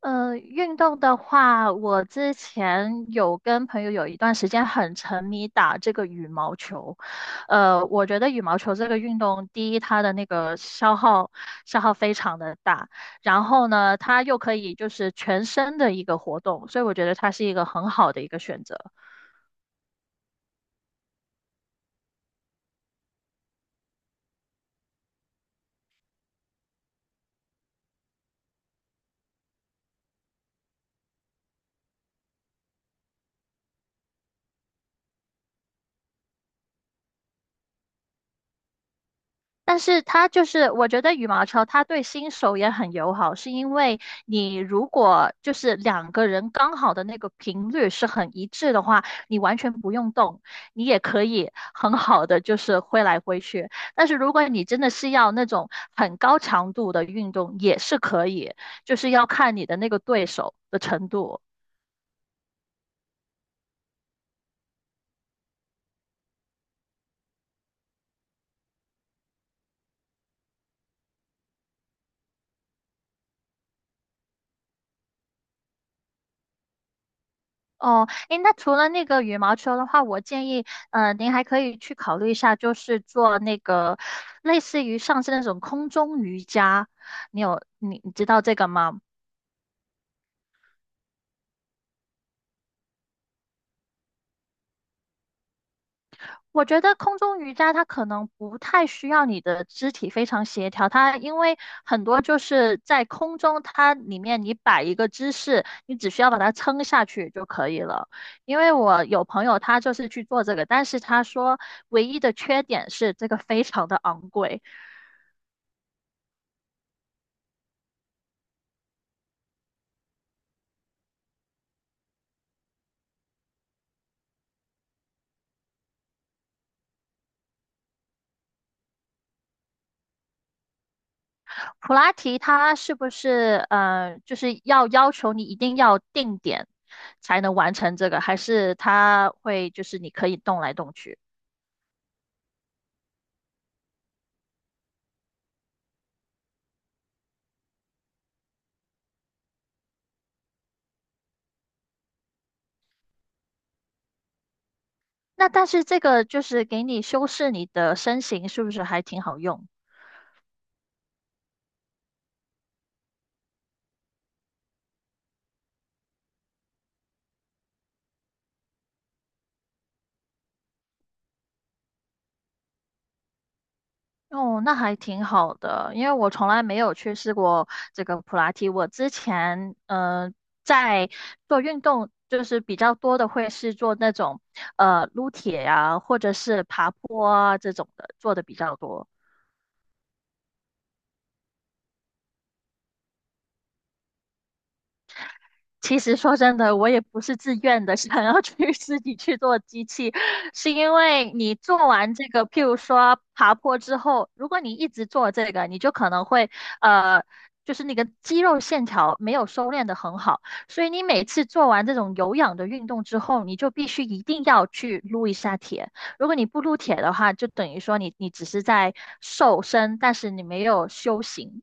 运动的话，我之前有跟朋友有一段时间很沉迷打这个羽毛球。我觉得羽毛球这个运动，第一，它的那个消耗非常的大，然后呢，它又可以就是全身的一个活动，所以我觉得它是一个很好的一个选择。但是它就是，我觉得羽毛球它对新手也很友好，是因为你如果就是两个人刚好的那个频率是很一致的话，你完全不用动，你也可以很好的就是挥来挥去。但是如果你真的是要那种很高强度的运动，也是可以，就是要看你的那个对手的程度。哦，诶，那除了那个羽毛球的话，我建议，您还可以去考虑一下，就是做那个类似于上次那种空中瑜伽。你有，你你知道这个吗？我觉得空中瑜伽它可能不太需要你的肢体非常协调，它因为很多就是在空中，它里面你摆一个姿势，你只需要把它撑下去就可以了。因为我有朋友他就是去做这个，但是他说唯一的缺点是这个非常的昂贵。普拉提它是不是就是要求你一定要定点才能完成这个，还是它会就是你可以动来动去？那但是这个就是给你修饰你的身形，是不是还挺好用？哦，那还挺好的，因为我从来没有去试过这个普拉提。我之前在做运动，就是比较多的会是做那种撸铁呀、或者是爬坡啊这种的，做的比较多。其实说真的，我也不是自愿的，想要去 自己去做机器，是因为你做完这个，譬如说爬坡之后，如果你一直做这个，你就可能会呃，就是那个肌肉线条没有收敛的很好，所以你每次做完这种有氧的运动之后，你就必须一定要去撸一下铁。如果你不撸铁的话，就等于说你只是在瘦身，但是你没有修行。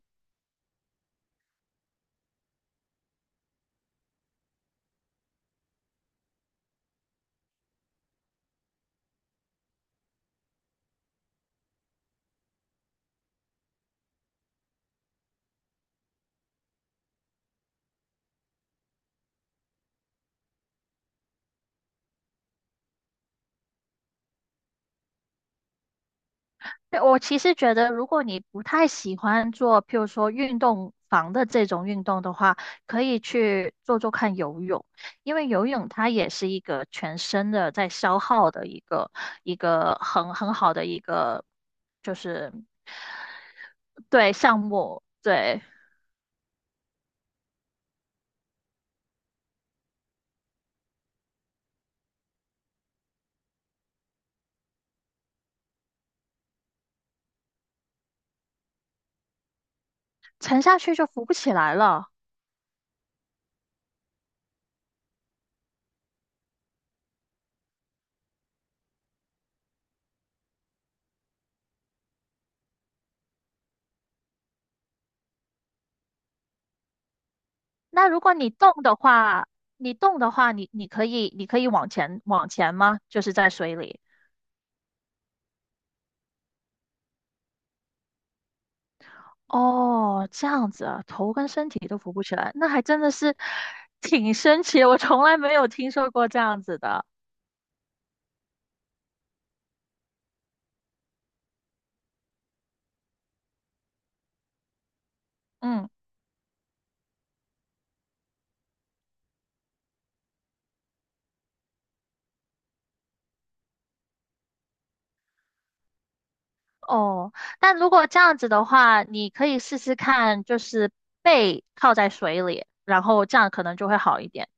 对，我其实觉得，如果你不太喜欢做，譬如说运动房的这种运动的话，可以去做做看游泳，因为游泳它也是一个全身的在消耗的一个很好的一个就是对项目，对，沉下去就浮不起来了。那如果你动的话，你动的话，你可以往前吗？就是在水里。哦，这样子啊，头跟身体都浮不起来，那还真的是挺神奇的，我从来没有听说过这样子的。嗯，哦，但如果这样子的话，你可以试试看，就是背靠在水里，然后这样可能就会好一点。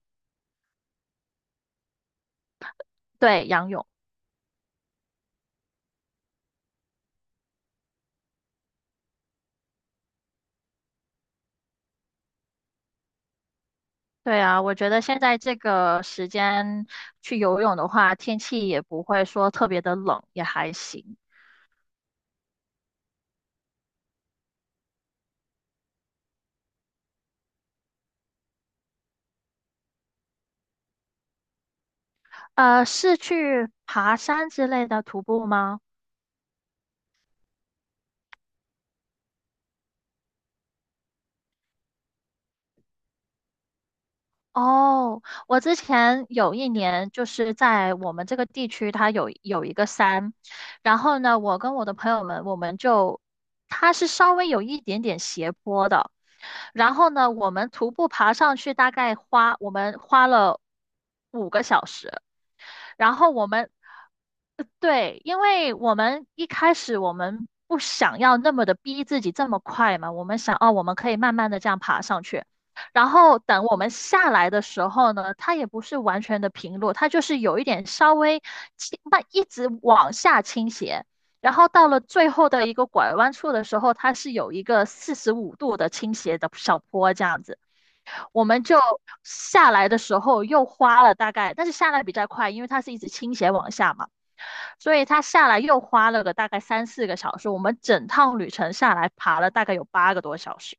对，仰泳。对啊，我觉得现在这个时间去游泳的话，天气也不会说特别的冷，也还行。是去爬山之类的徒步吗？哦，我之前有一年就是在我们这个地区，它有一个山，然后呢，我跟我的朋友们，我们就它是稍微有一点点斜坡的，然后呢，我们徒步爬上去，大概我们花了5个小时。然后我们，对，因为我们一开始我们不想要那么的逼自己这么快嘛，我们想哦，我们可以慢慢的这样爬上去。然后等我们下来的时候呢，它也不是完全的平路，它就是有一点稍微一直往下倾斜。然后到了最后的一个拐弯处的时候，它是有一个45度的倾斜的小坡这样子。我们就下来的时候又花了大概，但是下来比较快，因为它是一直倾斜往下嘛，所以它下来又花了个大概三四个小时。我们整趟旅程下来爬了大概有8个多小时。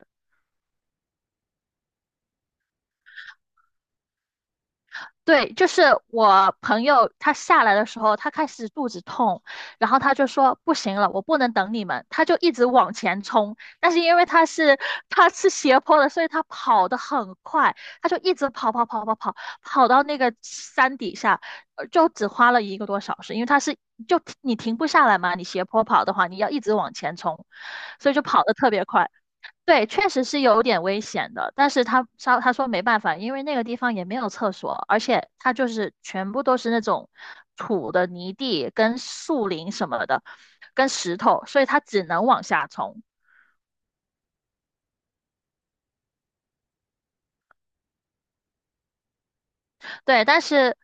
对，就是我朋友他下来的时候，他开始肚子痛，然后他就说不行了，我不能等你们，他就一直往前冲。但是因为他是斜坡的，所以他跑得很快，他就一直跑跑跑跑跑，跑到那个山底下，就只花了1个多小时，因为他是就你停不下来嘛，你斜坡跑的话，你要一直往前冲，所以就跑得特别快。对，确实是有点危险的，但是他说没办法，因为那个地方也没有厕所，而且它就是全部都是那种土的泥地跟树林什么的，跟石头，所以他只能往下冲。对，但是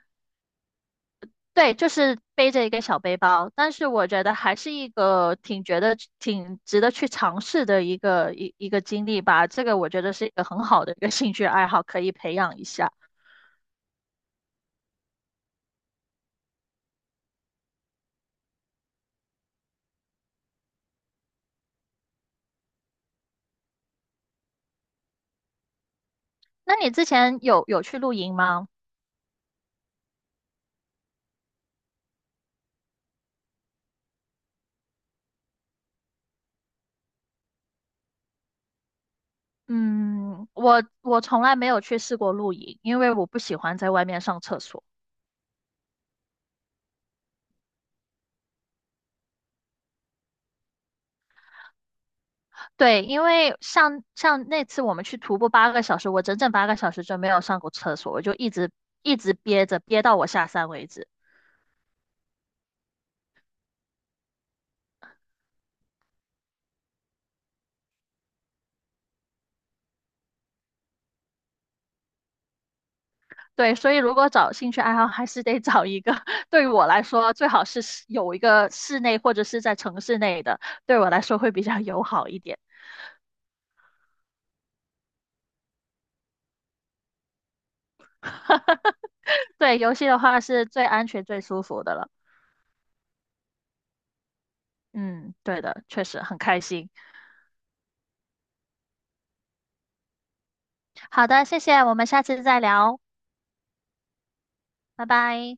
对，就是背着一个小背包，但是我觉得还是一个挺值得去尝试的一个经历吧。这个我觉得是一个很好的一个兴趣爱好，可以培养一下。那你之前有去露营吗？嗯，我从来没有去试过露营，因为我不喜欢在外面上厕所。对，因为像那次我们去徒步八个小时，我整整八个小时就没有上过厕所，我就一直憋着，憋到我下山为止。对，所以如果找兴趣爱好，还是得找一个 对于我来说最好是室有一个室内或者是在城市内的，对我来说会比较友好一点。对，游戏的话是最安全、最舒服的了。嗯，对的，确实很开心。好的，谢谢，我们下次再聊，拜拜。